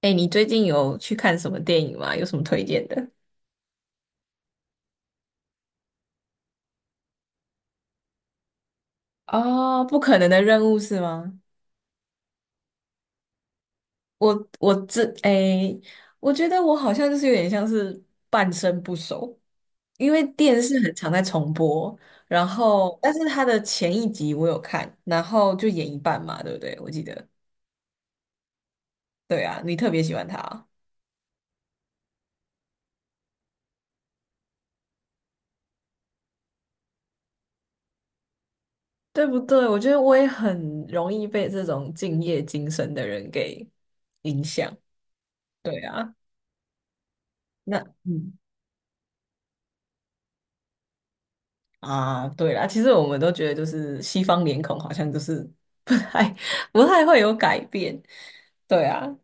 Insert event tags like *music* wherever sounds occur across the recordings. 哎，你最近有去看什么电影吗？有什么推荐的？哦，不可能的任务是吗？我我这哎，我觉得我好像就是有点像是半生不熟，因为电视很常在重播，然后但是它的前一集我有看，然后就演一半嘛，对不对？我记得，对啊，你特别喜欢他，对不对？我觉得我也很容易被这种敬业精神的人给影响，对啊，那嗯。啊，对啦，其实我们都觉得就是西方脸孔好像就是不太 *laughs* 不太会有改变，对啊，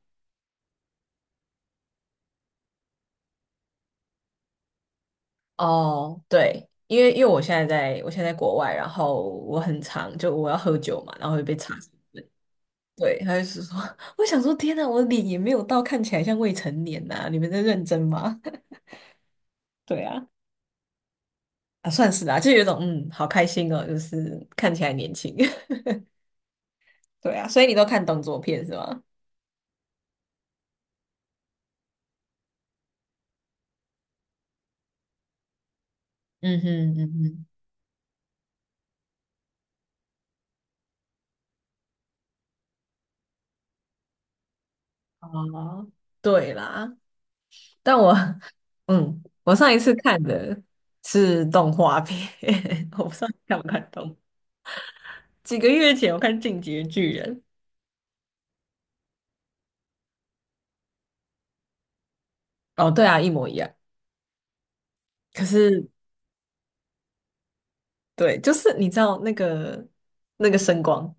哦，对，因为我现在在国外，然后我很常就我要喝酒嘛，然后会被查，对，他就是说，*laughs* 我想说天呐，我脸也没有到看起来像未成年呐、你们在认真吗？*laughs* 对啊，啊算是啦、就有一种好开心哦，就是看起来年轻，*laughs* 对啊，所以你都看动作片是吗？嗯哼嗯哼，哦，对啦。但我，嗯，我上一次看的是动画片，*laughs* 我不知道你看不看动。几个月前我看《进击的巨人》，哦，对啊，一模一样。可是，对，就是你知道那个声光，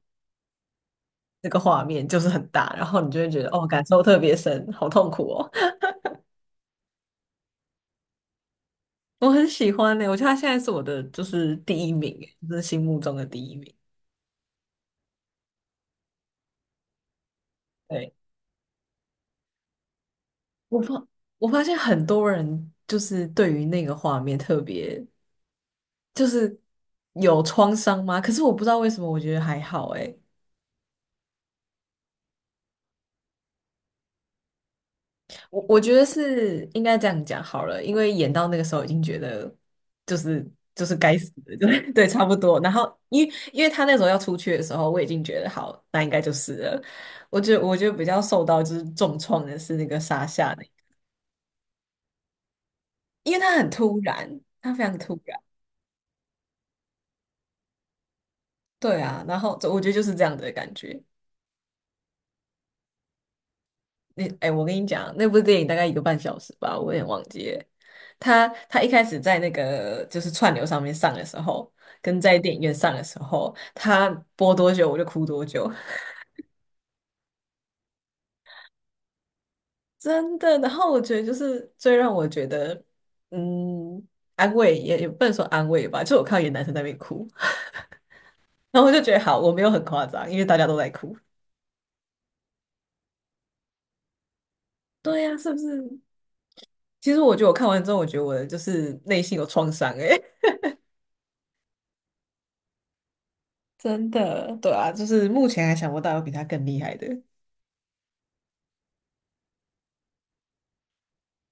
那个画面就是很大，然后你就会觉得哦，感受特别深，好痛苦哦。*laughs* 我很喜欢呢、我觉得他现在是我的就是第一名欸，就是心目中的第一名。对，我发我发现很多人就是对于那个画面特别。就是有创伤吗？可是我不知道为什么，我觉得还好诶。我觉得是应该这样讲好了，因为演到那个时候已经觉得就是就是该死的，对 *laughs* 对，差不多。然后因为他那时候要出去的时候，我已经觉得好，那应该就是了。我觉得比较受到就是重创的是那个沙夏的，因为他很突然，他非常突然。对啊，然后我觉得就是这样的感觉。那哎、我跟你讲，那部电影大概一个半小时吧，我有点忘记了。他一开始在那个就是串流上面上的时候，跟在电影院上的时候，他播多久我就哭多久，*laughs* 真的。然后我觉得就是最让我觉得嗯安慰也不能说安慰吧，就我看到有男生在那边哭，*laughs* 然后我就觉得好，我没有很夸张，因为大家都在哭。对呀、是不是？其实我觉得我看完之后，我觉得我的就是内心有创伤哎、真的，对啊，就是目前还想不到有比他更厉害的。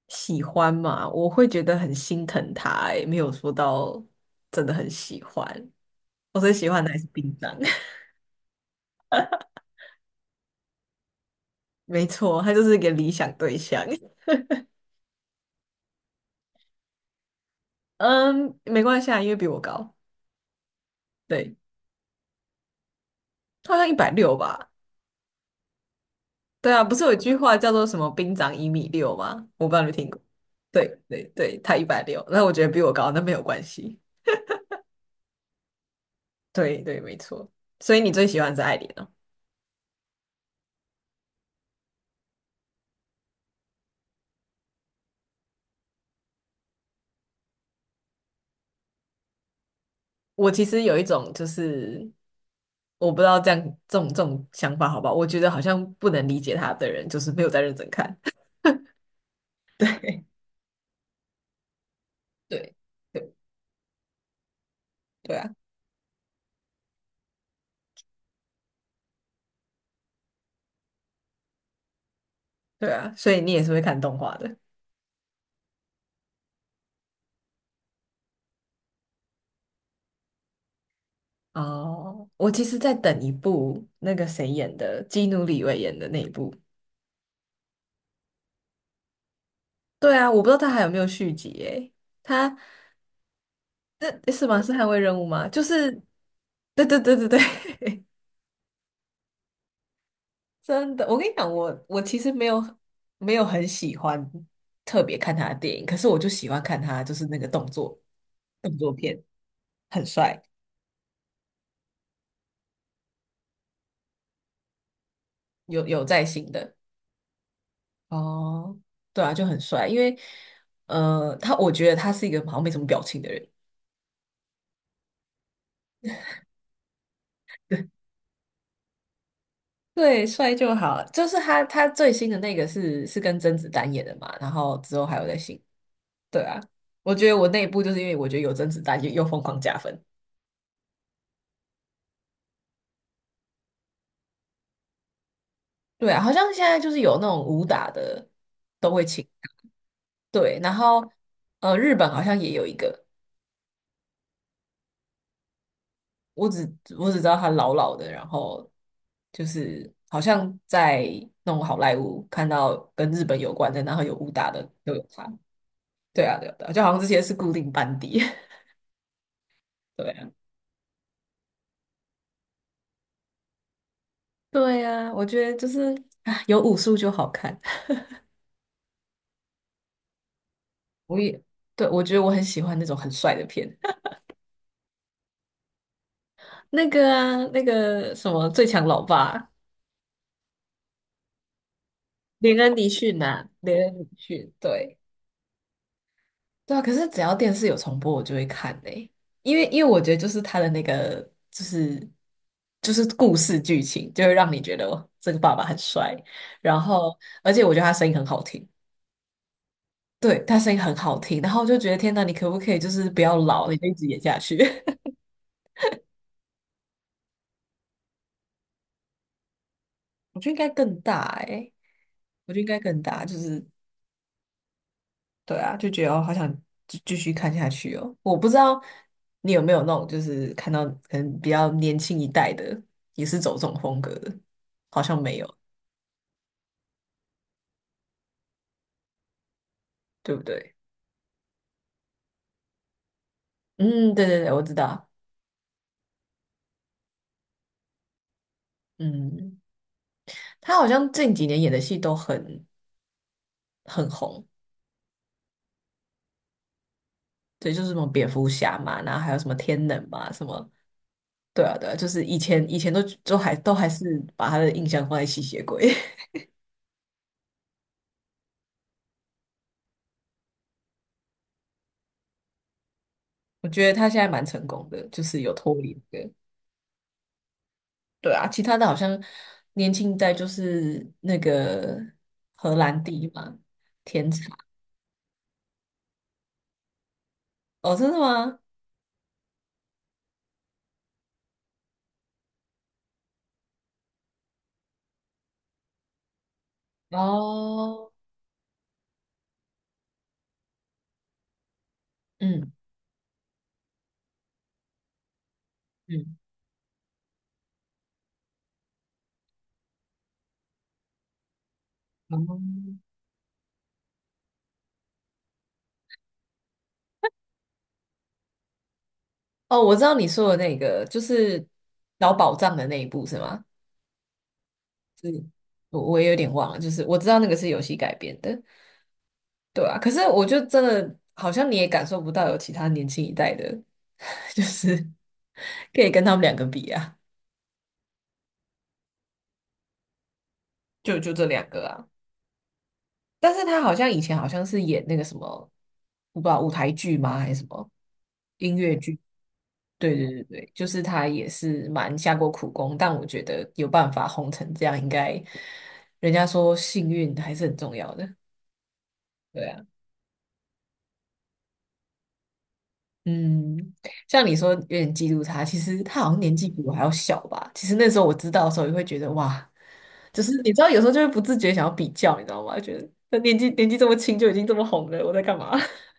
喜欢嘛，我会觉得很心疼他、欸，没有说到真的很喜欢。我最喜欢的还是冰长，*laughs* 没错，他就是一个理想对象。嗯，没关系啊，因为比我高，对，他好像一百六吧。对啊，不是有一句话叫做什么"兵长一米六"吗？我不知道你有听过。对对对，他一百六，那我觉得比我高，那没有关系。对对，没错。所以你最喜欢是艾琳。我其实有一种就是我不知道这样这种想法好不好？我觉得好像不能理解他的人，就是没有在认真看。*laughs* 对对对啊，对啊，所以你也是会看动画的哦。我其实在等一部那个谁演的，基努里维演的那一部。对啊，我不知道他还有没有续集诶。他这是吗？是捍卫任务吗？就是，对对对对对，*laughs* 真的，我跟你讲，我其实没有很喜欢特别看他的电影，可是我就喜欢看他就是那个动作片，很帅，有在新的。哦，对啊，就很帅，因为他我觉得他是一个好像没什么表情的人。对，帅就好。就是他最新的那个是跟甄子丹演的嘛，然后之后还有在新。对啊，我觉得我那一部就是因为我觉得有甄子丹就又疯狂加分。对啊，好像现在就是有那种武打的都会请。对，然后日本好像也有一个，我只我只知道他老老的，然后就是好像在那种好莱坞看到跟日本有关的，然后有武打的都有他，对啊，对啊，对啊，就好像这些是固定班底。*laughs* 对啊，对啊，我觉得就是啊，有武术就好看。*laughs* 我也对，我觉得我很喜欢那种很帅的片，*laughs* 那个啊，那个什么《最强老爸》，连恩·尼逊啊，连恩·尼逊，对。对啊，可是只要电视有重播，我就会看嘞、因为我觉得就是他的那个就是就是故事剧情，就会让你觉得哦这个爸爸很帅，然后而且我觉得他声音很好听，对，他声音很好听，然后我就觉得天呐，你可不可以就是不要老，你就一直演下去？*laughs* 我觉得应该更大哎、我觉得应该更大，就是对啊，就觉得哦，好想继续看下去哦。我不知道你有没有那种，就是看到可能比较年轻一代的，也是走这种风格的，好像没有，对不对？嗯，对对对，我知道。嗯，他好像近几年演的戏都很红，对，就是什么蝙蝠侠嘛，然后还有什么天能嘛，什么，对啊对啊，就是以前都还是把他的印象放在吸血鬼，*laughs* 我觉得他现在蛮成功的，就是有脱离。对啊，其他的好像年轻一代就是那个荷兰弟嘛，天茶。哦，真的吗？哦，嗯嗯，哦，哦，我知道你说的那个，就是找宝藏的那一部是吗？是，我也有点忘了，就是我知道那个是游戏改编的，对啊。可是我就真的好像你也感受不到有其他年轻一代的，*laughs* 就是可以跟他们两个比啊，就这两个啊。但是他好像以前好像是演那个什么，我不知道舞台剧吗还是什么音乐剧？对对对对，就是他也是蛮下过苦功，但我觉得有办法红成这样，应该人家说幸运还是很重要的。对啊，嗯，像你说有点嫉妒他，其实他好像年纪比我还要小吧。其实那时候我知道的时候，也会觉得哇，就是你知道有时候就会不自觉想要比较，你知道吗？觉得他年纪这么轻就已经这么红了，我在干嘛？*laughs*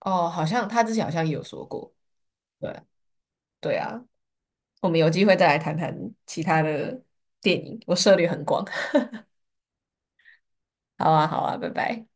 哦，好像他之前好像也有说过。对对啊，我们有机会再来谈谈其他的电影，我涉猎很广。*laughs* 好啊，好啊，拜拜。